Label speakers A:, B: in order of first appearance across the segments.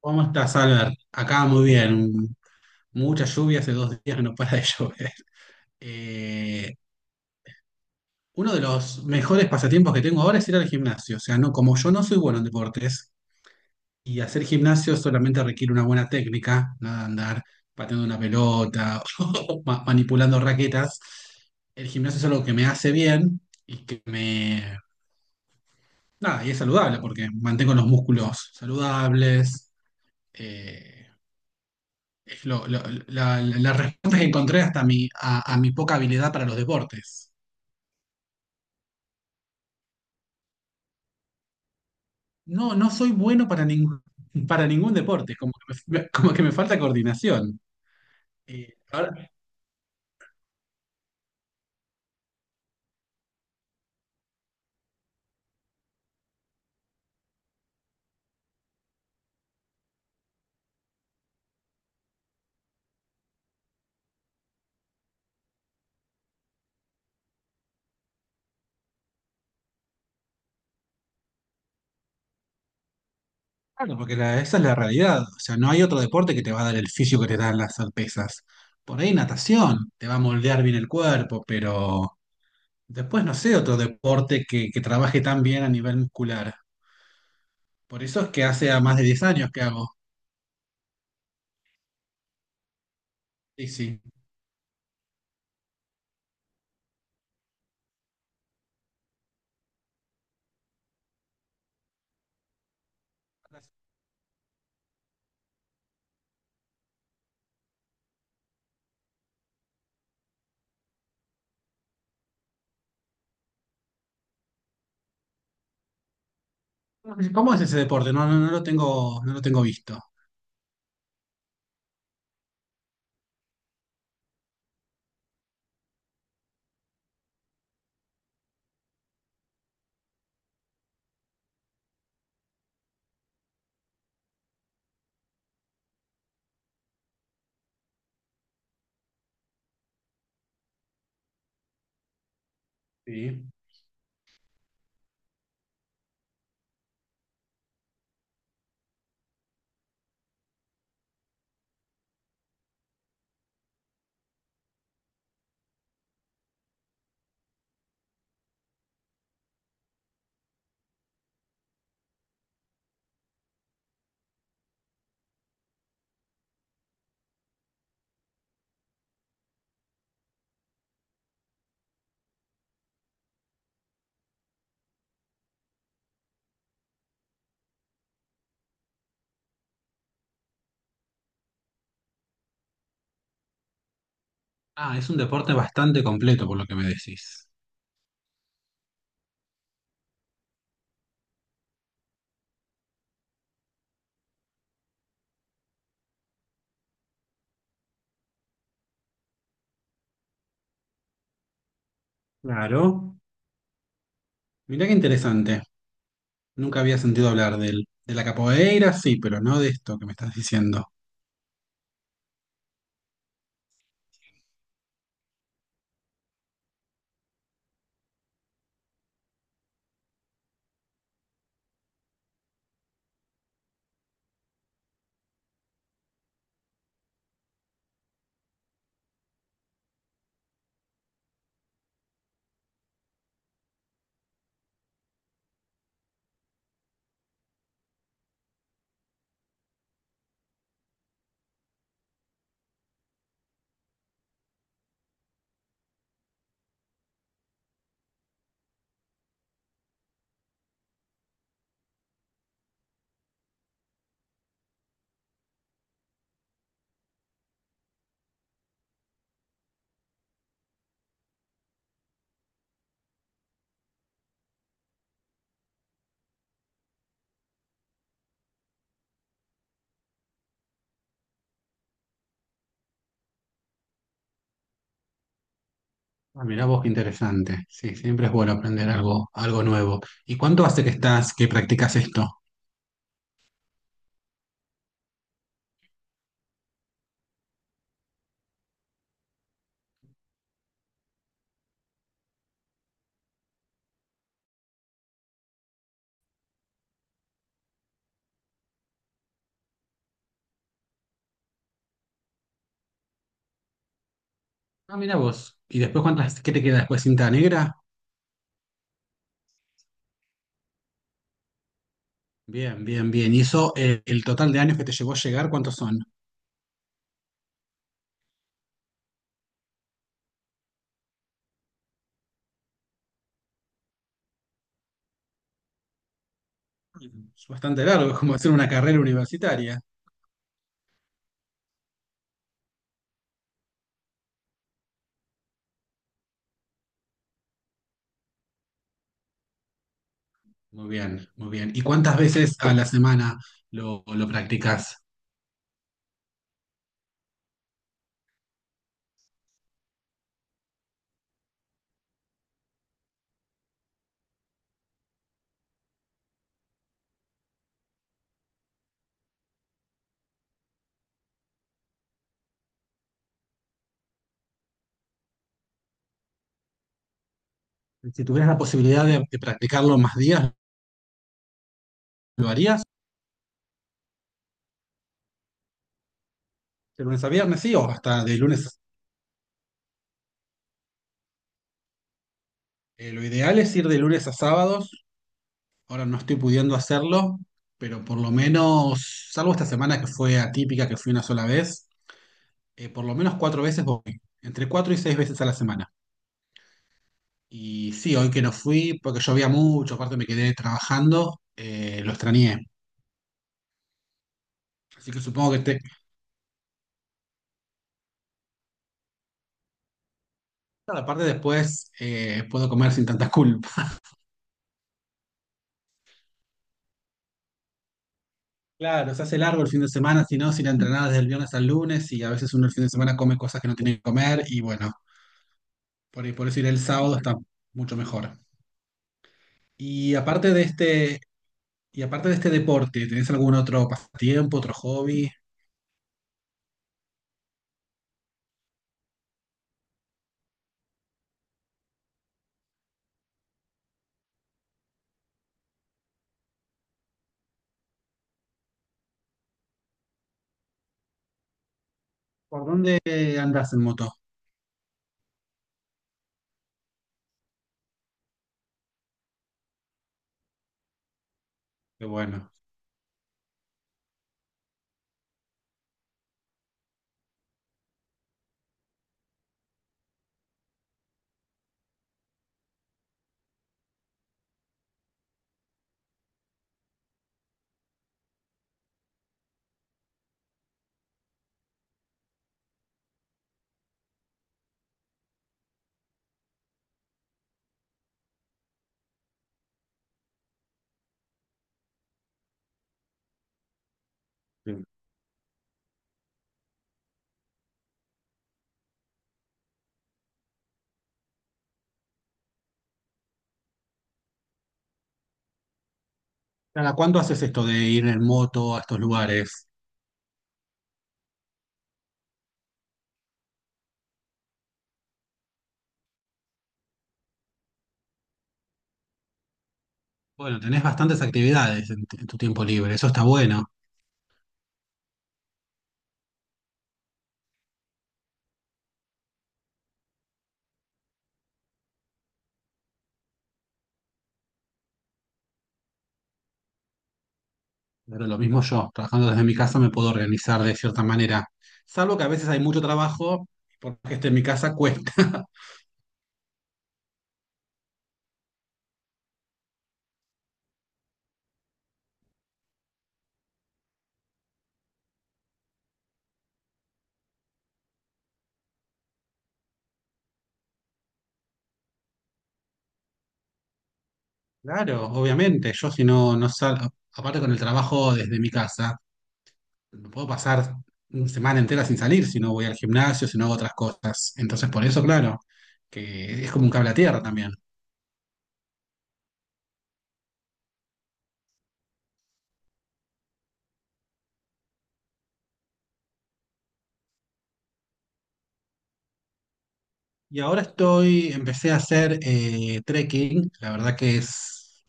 A: ¿Cómo estás, Albert? Acá muy bien. Mucha lluvia, hace 2 días que no para de llover. Eh, Uno de los mejores pasatiempos que tengo ahora es ir al gimnasio. O sea, no, como yo no soy bueno en deportes y hacer gimnasio solamente requiere una buena técnica, nada de andar pateando una pelota o manipulando raquetas. El gimnasio es algo que me hace bien y que me... Nada, y es saludable porque mantengo los músculos saludables. eh, lo- lo- la respuesta que encontré hasta mi, a mi poca habilidad para los deportes. No, no soy bueno para ningún, para ningún deporte, como que me, como que me falta coordinación. Eh, ahora- claro, porque esa es la realidad. O sea, no hay otro deporte que te va a dar el fisio que te dan las pesas. Por ahí natación, te va a moldear bien el cuerpo, pero después no sé otro deporte que trabaje tan bien a nivel muscular. Por eso es que hace a más de 10 años que hago. Sí, sí. ¿Cómo es ese deporte? No, no lo tengo, no lo tengo visto. Sí. Ah, es un deporte bastante completo por lo que me decís. Claro. Mirá qué interesante. Nunca había sentido hablar del, de la capoeira, sí, pero no de esto que me estás diciendo. Ah, mirá vos qué interesante. Sí, siempre es bueno aprender algo, algo nuevo. ¿Y cuánto hace que estás, que practicas esto? Ah, mirá vos. ¿Y después cuántas, qué te queda después? ¿Cinta negra? Bien, bien, bien. ¿Y eso, el total de años que te llevó a llegar, cuántos son? Es bastante largo, es como hacer una carrera universitaria. Muy bien, muy bien. ¿Y cuántas veces a la semana lo practicas? Si tuvieras la posibilidad de practicarlo más días, ¿lo harías? ¿De lunes a viernes, sí? ¿O hasta de lunes? Lo ideal es ir de lunes a sábados. Ahora no estoy pudiendo hacerlo, pero por lo menos, salvo esta semana que fue atípica, que fui una sola vez, por lo menos 4 veces voy. Entre 4 y 6 veces a la semana. Y sí, hoy que no fui, porque llovía mucho, aparte me quedé trabajando, lo extrañé. Así que supongo que. Claro, aparte después puedo comer sin tanta culpa. Claro, se hace largo el fin de semana, si no, si la entrenada desde el viernes al lunes y a veces uno el fin de semana come cosas que no tiene que comer y bueno, por eso ir el sábado está mucho mejor. Y aparte de este, y aparte de este deporte, ¿tenés algún otro pasatiempo, otro hobby? ¿Por dónde andás en moto? Qué bueno. Sí. ¿Cada cuándo haces esto de ir en moto a estos lugares? Bueno, tenés bastantes actividades en tu tiempo libre, eso está bueno. Pero lo mismo yo, trabajando desde mi casa me puedo organizar de cierta manera. Salvo que a veces hay mucho trabajo, porque esté en mi casa cuesta. Claro, obviamente, yo si no, no salgo, aparte con el trabajo desde mi casa, no puedo pasar una semana entera sin salir si no voy al gimnasio, si no hago otras cosas. Entonces, por eso, claro, que es como un cable a tierra también. Y ahora estoy, empecé a hacer trekking, la verdad que es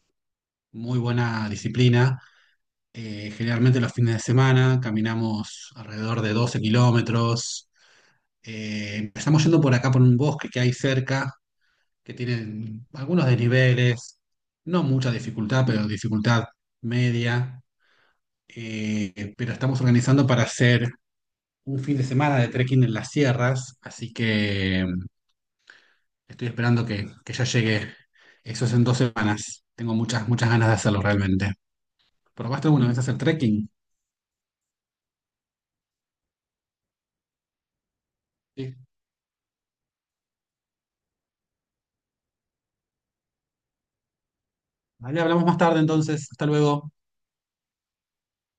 A: muy buena disciplina. Generalmente los fines de semana caminamos alrededor de 12 kilómetros. Empezamos yendo por acá, por un bosque que hay cerca, que tiene algunos desniveles, no mucha dificultad, pero dificultad media. Pero estamos organizando para hacer un fin de semana de trekking en las sierras, así que estoy esperando que ya llegue. Eso es en 2 semanas. Tengo muchas, muchas ganas de hacerlo realmente. ¿Probaste alguna vez hacer trekking? Sí. Vale, hablamos más tarde entonces. Hasta luego.